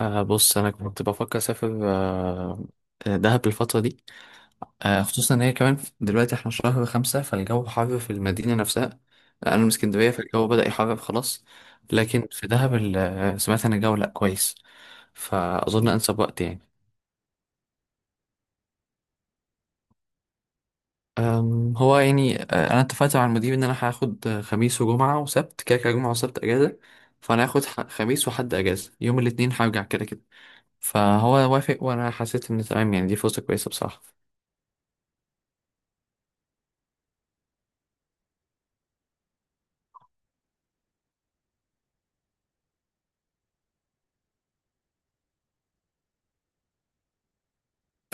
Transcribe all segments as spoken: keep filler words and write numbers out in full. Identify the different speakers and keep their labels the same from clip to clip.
Speaker 1: آه بص انا كنت بفكر اسافر آه آه، دهب الفتره دي. آه خصوصا ان هي كمان في- دلوقتي احنا شهر خمسة فالجو حر في المدينه نفسها. انا من اسكندريه فالجو بدأ يحرر خلاص. لكن في دهب ال- آه، سمعت ان الجو لا كويس، فاظن انسب وقت يعني. أم، هو يعني آه، انا اتفقت مع المدير ان انا هاخد آه، خميس وجمعه وسبت، كده كده جمعه وسبت اجازه. فانا هاخد ح- خميس وحد اجازه، يوم الاثنين هرجع كده كده. فهو وافق وانا حسيت ان تمام، يعني دي فرصه كويسه بصراحه.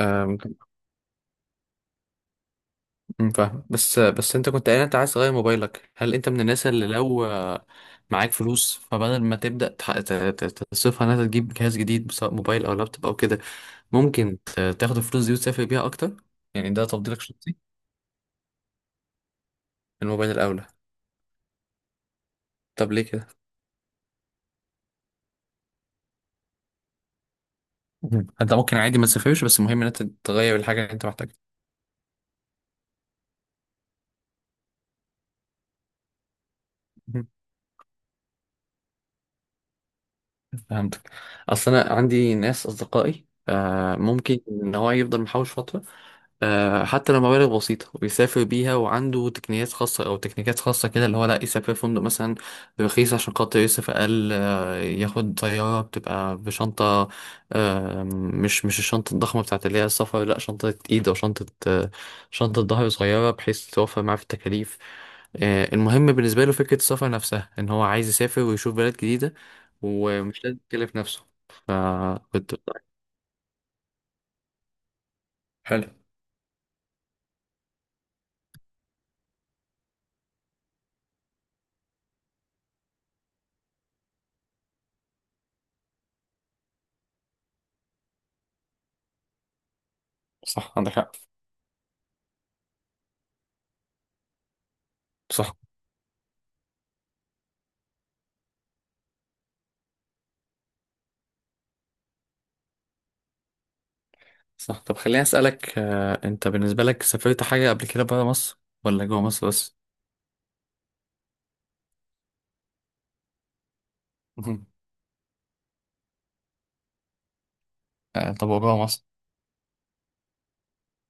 Speaker 1: أم، أم، فاهم. بس بس انت كنت قايل انت عايز تغير موبايلك. هل انت من الناس اللي لو آه، معاك فلوس فبدل ما تبدأ تح- ت- ت- تصرفها انها تجيب جهاز جديد سواء موبايل او لابتوب او كده، ممكن ت- تاخد الفلوس دي وتسافر بيها اكتر؟ يعني ده تفضيلك الشخصي. الموبايل الاولى؟ طب ليه كده؟ مم. انت ممكن عادي ما تسافرش، بس المهم ان انت تغير الحاجة اللي انت محتاجها. مم. فهمتك. اصل انا عندي ناس اصدقائي آه، ممكن ان هو يفضل محوش فترة، آه، حتى لو مبالغ بسيطة، ويسافر بيها. وعنده تقنيات خاصة أو تكنيكات خاصة كده، اللي هو لا يسافر فندق مثلا رخيص عشان خاطر يصرف أقل، آه، ياخد طيارة، بتبقى بشنطة، آه، مش مش الشنطة الضخمة بتاعت اللي هي السفر، لا شنطة إيد أو شنطة آه، شنطة ظهر صغيرة، بحيث توفر معاه في التكاليف. آه، المهم بالنسبة له فكرة السفر نفسها، إن هو عايز يسافر ويشوف بلد جديدة، ومش لازم يكلف نفسه. فكنت. حلو. صح، عندك حق. صح. صح. طب خليني أسألك، آه، أنت بالنسبة لك سافرت حاجة قبل كده برا مصر ولا جوا مصر بس؟ مهم. آه، طب وجوه مصر؟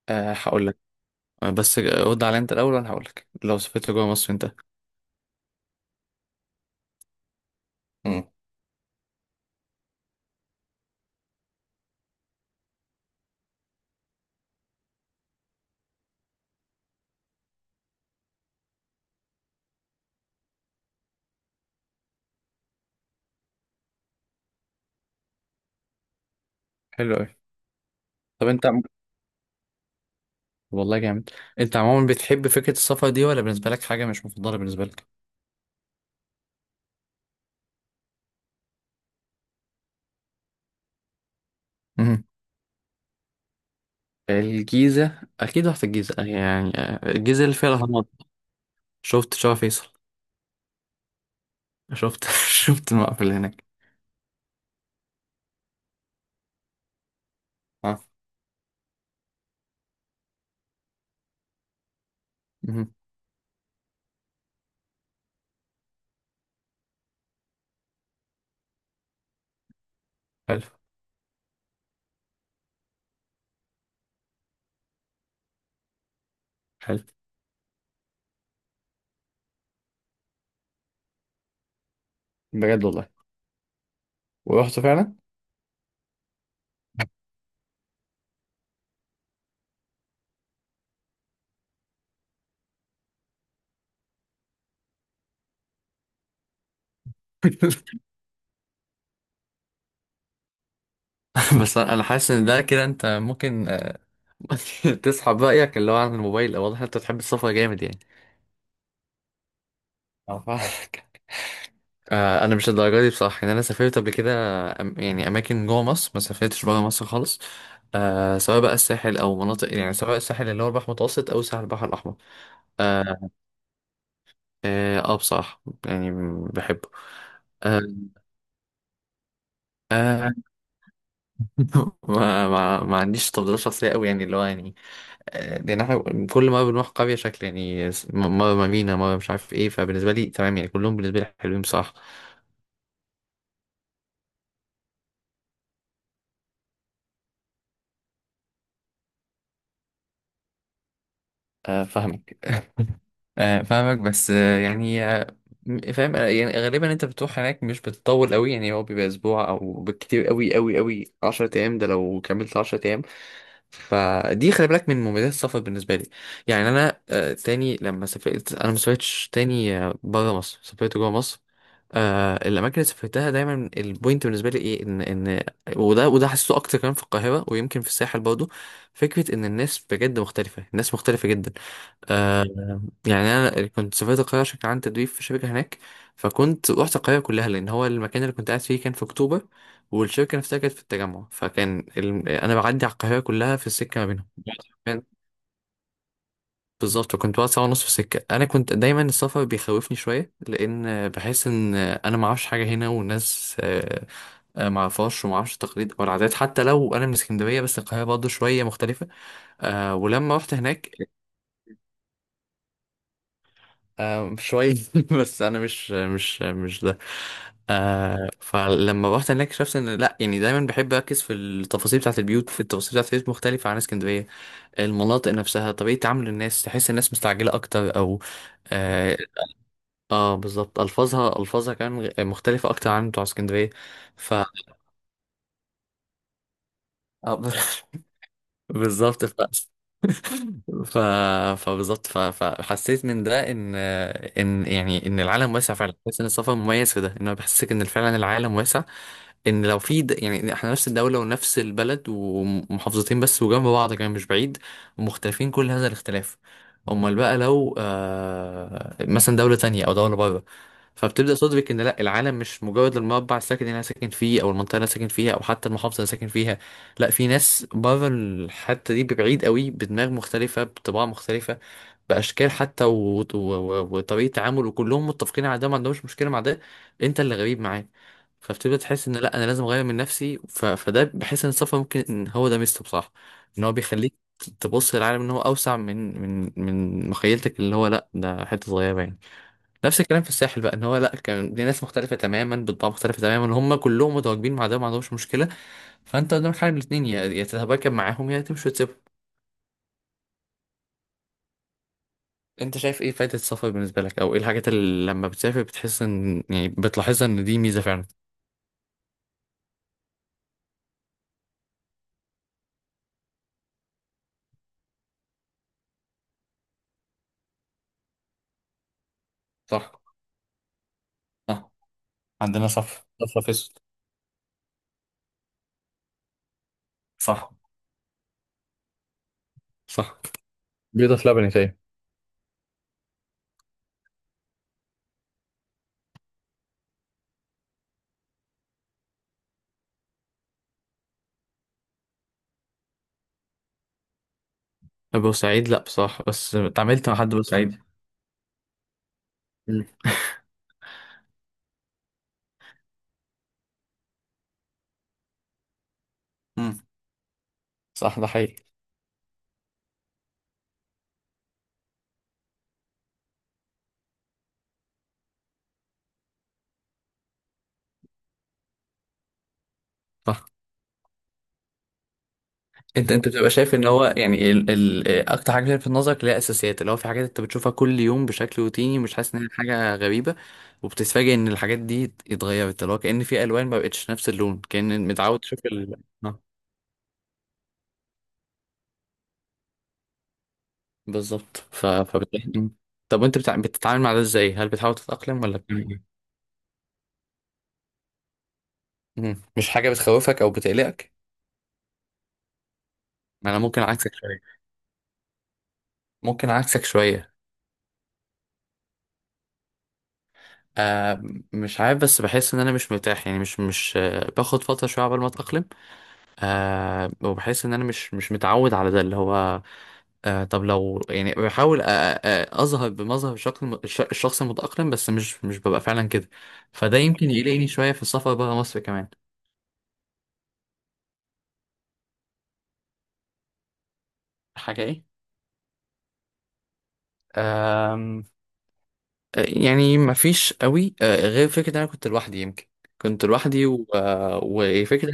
Speaker 1: أه هقول لك. أه بس رد على أنت الأول، وأنا هقول لك لو سافرت جوا مصر أنت. مم. حلو أوي. طب أنت عم- والله جامد. أنت عموما بتحب فكرة السفر دي، ولا بالنسبة لك حاجة مش مفضلة بالنسبة لك؟ مم. الجيزة أكيد رحت الجيزة، آه، يعني آه، الجيزة اللي فيها الأهرامات. شفت شارع فيصل. شفت شفت الموقف اللي هناك. أه. مهم. حلو. حلو. بجد والله. ورحت فعلا. بس انا حاسس ان ده كده انت ممكن آه، تسحب رايك اللي هو عن الموبايل، او واضح إن انت بتحب السفر جامد يعني. أعرفك. آه، انا مش الدرجه دي بصراحه، يعني انا سافرت قبل كده أم- يعني اماكن جوه مصر، ما سافرتش بره مصر خالص. آه، سواء بقى الساحل او مناطق، يعني سواء الساحل اللي هو البحر المتوسط او ساحل البحر الاحمر. اه. اه آه، بصراحه يعني بحبه. آه آه، ما, ما, ما عنديش تفضيلات شخصية قوي، يعني اللي هو يعني آه، لأن احنا كل ما بنروح قرية شكل، يعني س- مرة مارينا، مرة مش عارف ايه، فبالنسبة لي تمام يعني، كلهم بالنسبة لي حلوين بصراحة. آه، فاهمك. آه، فاهمك بس آه، يعني آه، م- فاهم آه، يعني غالبا انت بتروح هناك مش بتطول قوي، يعني هو بيبقى اسبوع، او بالكتير قوي قوي قوي عشرة ايام، ده لو كملت عشرة ايام. فدي خلي بالك من مميزات السفر بالنسبه لي. يعني انا آه، تاني لما سافرت انا ما سافرتش تاني بره مصر، سافرت جوه مصر. آه، الاماكن اللي سافرتها دايما البوينت بالنسبه لي ايه؟ ان ان وده وده حسيته اكتر كمان في القاهره، ويمكن في الساحل برضو. فكره ان الناس بجد مختلفه، الناس مختلفه جدا. آه، يعني انا كنت سافرت القاهره عشان كان عندي تدريب في شركه هناك. فكنت رحت القاهره كلها، لان هو المكان اللي كنت قاعد فيه كان في اكتوبر، والشركة نفسها كانت في التجمع. فكان ال... أنا بعدي على القاهرة كلها في السكة ما بينهم. كان- بالظبط، كنت بقعد ساعة ونص في السكة. أنا كنت دايما السفر بيخوفني شوية، لأن بحس إن أنا معرفش حاجة هنا، والناس آه، آه، معرفهاش، ومعرفش التقاليد أو العادات. حتى لو أنا من اسكندرية، بس القاهرة برضه شوية مختلفة. آه، ولما رحت هناك، آه شوية. بس أنا مش مش مش ده. آه، فلما رحت هناك اكتشفت إن لأ، يعني دايما بحب أركز في التفاصيل بتاعة البيوت. في التفاصيل بتاعة البيوت مختلفة عن اسكندرية، المناطق نفسها، طريقة تعامل الناس، تحس الناس مستعجلة أكتر أو آه, آه بالظبط. ألفاظها ألفاظها كمان مختلفة أكتر عن بتوع اسكندرية. ف آه، بالظبط ف... ف... فبالظبط ف... فحسيت من ده ان ان يعني ان العالم واسع فعلا. حسيت ان السفر مميز في ده، انه بيحسسك ان فعلا العالم واسع. ان لو في د... يعني احنا نفس الدولة ونفس البلد ومحافظتين بس وجنب بعض كمان مش بعيد، ومختلفين كل هذا الاختلاف. امال بقى لو آه مثلا دولة تانية او دولة بره. فبتبدأ تدرك إن لأ، العالم مش مجرد المربع الساكن اللي أنا ساكن فيه، أو المنطقة اللي أنا ساكن فيها، أو حتى المحافظة اللي أنا ساكن فيها. لأ، في ناس بره الحتة دي ببعيد قوي، بدماغ مختلفة، بطباع مختلفة، بأشكال حتى و... و... و... وطريقة تعامل، وكلهم متفقين على ده، ما عندهمش مشكلة مع ده، أنت اللي غريب معاه. فبتبدأ تحس إن لأ أنا لازم أغير من نفسي. ف... فده بحس إن السفر ممكن إن هو ده ميزته بصراحة، إن هو بيخليك تبص للعالم إن هو أوسع من من من مخيلتك، اللي هو لأ ده حتة صغيرة يعني. نفس الكلام في الساحل بقى، ان هو لا كان دي ناس مختلفه تماما، بطباع مختلفه تماما، هم كلهم متواجدين مع ده وما عندهمش مشكله. فانت قدامك حاجه من الاثنين، يا يا تتباكى معاهم، يا تمشي وتسيبهم. انت شايف ايه فائده السفر بالنسبه لك، او ايه الحاجات اللي لما بتسافر بتحس ان يعني بتلاحظها ان دي ميزه فعلا؟ صح. صح، عندنا صف صف فيصل. صح. صح، بيضة في لبن تاني. بورسعيد لا بصراحه، بس اتعاملت مع حد بورسعيد. مم. مم. صح، ده حقيقي. انت انت بتبقى شايف ان هو يعني ال... ال... اكتر حاجه في نظرك اللي هي اساسيات، اللي هو في حاجات انت بتشوفها كل يوم بشكل روتيني، مش حاسس ان هي حاجه غريبه، وبتتفاجئ ان الحاجات دي اتغيرت، اللي هو كأن في الوان ما بقتش نفس اللون، كأن متعود تشوف ال... اه بالظبط. ف... فبتلاقي مم. طب وانت بتع... بتتعامل مع ده ازاي؟ هل بتحاول تتأقلم ولا بتعمل ايه؟ مم. مش حاجه بتخوفك او بتقلقك؟ ما انا ممكن عكسك شويه. ممكن عكسك شويه. آه مش عارف، بس بحس ان انا مش مرتاح، يعني مش مش آه باخد فتره شويه عقبال ما اتأقلم. آه، وبحس ان انا مش مش متعود على ده اللي هو. آه طب لو يعني بحاول أ- أ- اظهر بمظهر شكل م- الش- الشخص المتأقلم، بس مش مش ببقى فعلا كده. فده يمكن يقلقني شوية في السفر برا مصر كمان. حاجة ايه؟ آم، آه، يعني مفيش قوي آه غير فكرة ان انا كنت لوحدي يمكن، كنت لوحدي و- آه، وفكرة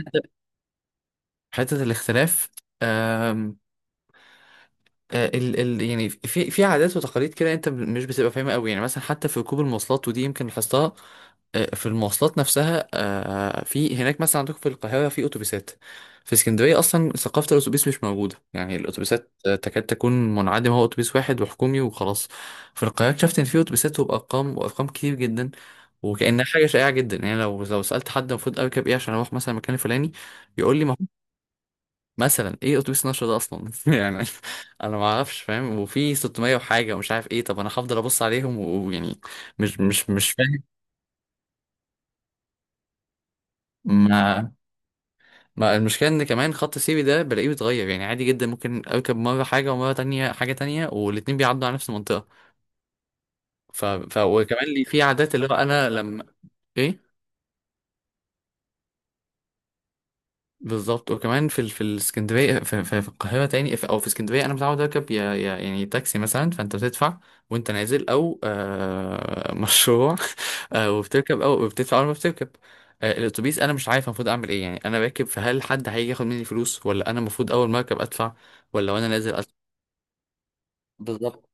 Speaker 1: حتة الاختلاف. آه، ال ال يعني في في عادات وتقاليد كده انت مش بتبقى فاهمها قوي، يعني مثلا حتى في ركوب المواصلات، ودي يمكن لاحظتها. آه، في المواصلات نفسها، آه، في هناك مثلا عندكم في القاهرة في أتوبيسات. في اسكندرية أصلا ثقافة الأتوبيس مش موجودة، يعني الأتوبيسات آه، تكاد تكون منعدمة، هو أتوبيس واحد وحكومي وخلاص. في القاهرة اكتشفت إن في أتوبيسات، وبأرقام، وأرقام كتير جدا، وكأنها حاجة شائعة جدا. يعني لو لو سألت حد المفروض أركب إيه عشان أروح مثلا المكان الفلاني، يقول لي مثلا ايه اتوبيس النشر ده اصلا؟ يعني انا ما اعرفش فاهم، وفي ستمية وحاجه ومش عارف ايه، طب انا هفضل ابص عليهم و- ويعني مش مش مش فاهم. ما ما المشكله ان كمان خط سيري ده بلاقيه بيتغير، يعني عادي جدا ممكن اركب مره حاجه ومره تانية حاجه تانية، والاتنين بيعدوا على نفس المنطقه. ف... ف... وكمان لي في عادات اللي هو انا لما ايه بالظبط. وكمان في ال- في الاسكندريه في, في, في القاهره تاني، في او في اسكندريه انا متعود اركب يا يا يعني تاكسي مثلا، فانت بتدفع وانت نازل، او آه مشروع، آه، وبتركب او بتدفع اول ما بتركب. آه، الاتوبيس انا مش عارف المفروض اعمل ايه، يعني انا راكب، فهل حد هيجي ياخد مني فلوس، ولا انا المفروض اول ما اركب ادفع، ولا وانا نازل ادفع؟ بالظبط.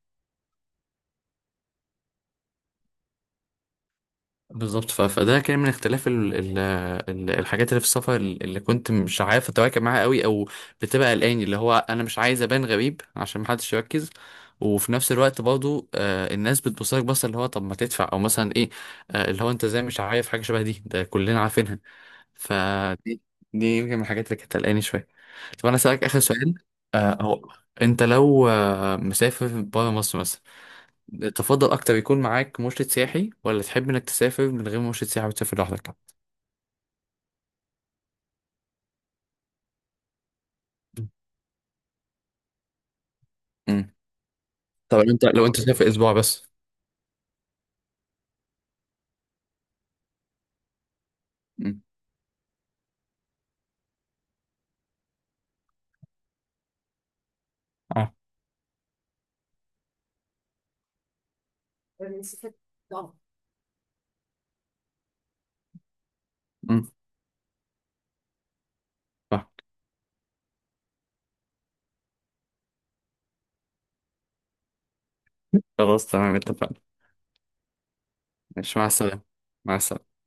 Speaker 1: بالظبط ف- فده كان من اختلاف ال ال ال الحاجات اللي في السفر اللي كنت مش عارف اتواكب معاها قوي. او بتبقى قلقان اللي هو انا مش عايز ابان غريب عشان محدش يركز، وفي نفس الوقت برضو آه الناس بتبص لك بصه اللي هو طب ما تدفع او مثلا ايه، آه اللي هو انت ازاي مش عارف حاجه شبه دي، ده كلنا عارفينها. فدي، دي يمكن من الحاجات اللي كانت قلقاني شويه. طب انا اسالك اخر سؤال. آه هو، انت لو آه مسافر بره مصر مثلا، تفضل اكتر يكون معاك مرشد سياحي، ولا تحب انك تسافر من غير مرشد سياحي وتسافر لوحدك؟ مم. طب لو انت لو انت سافر اسبوع بس؟ مم. اه. مم. آه. خلاص تمام، اتفقنا. ماشي، مع السلامة. مع السلامة.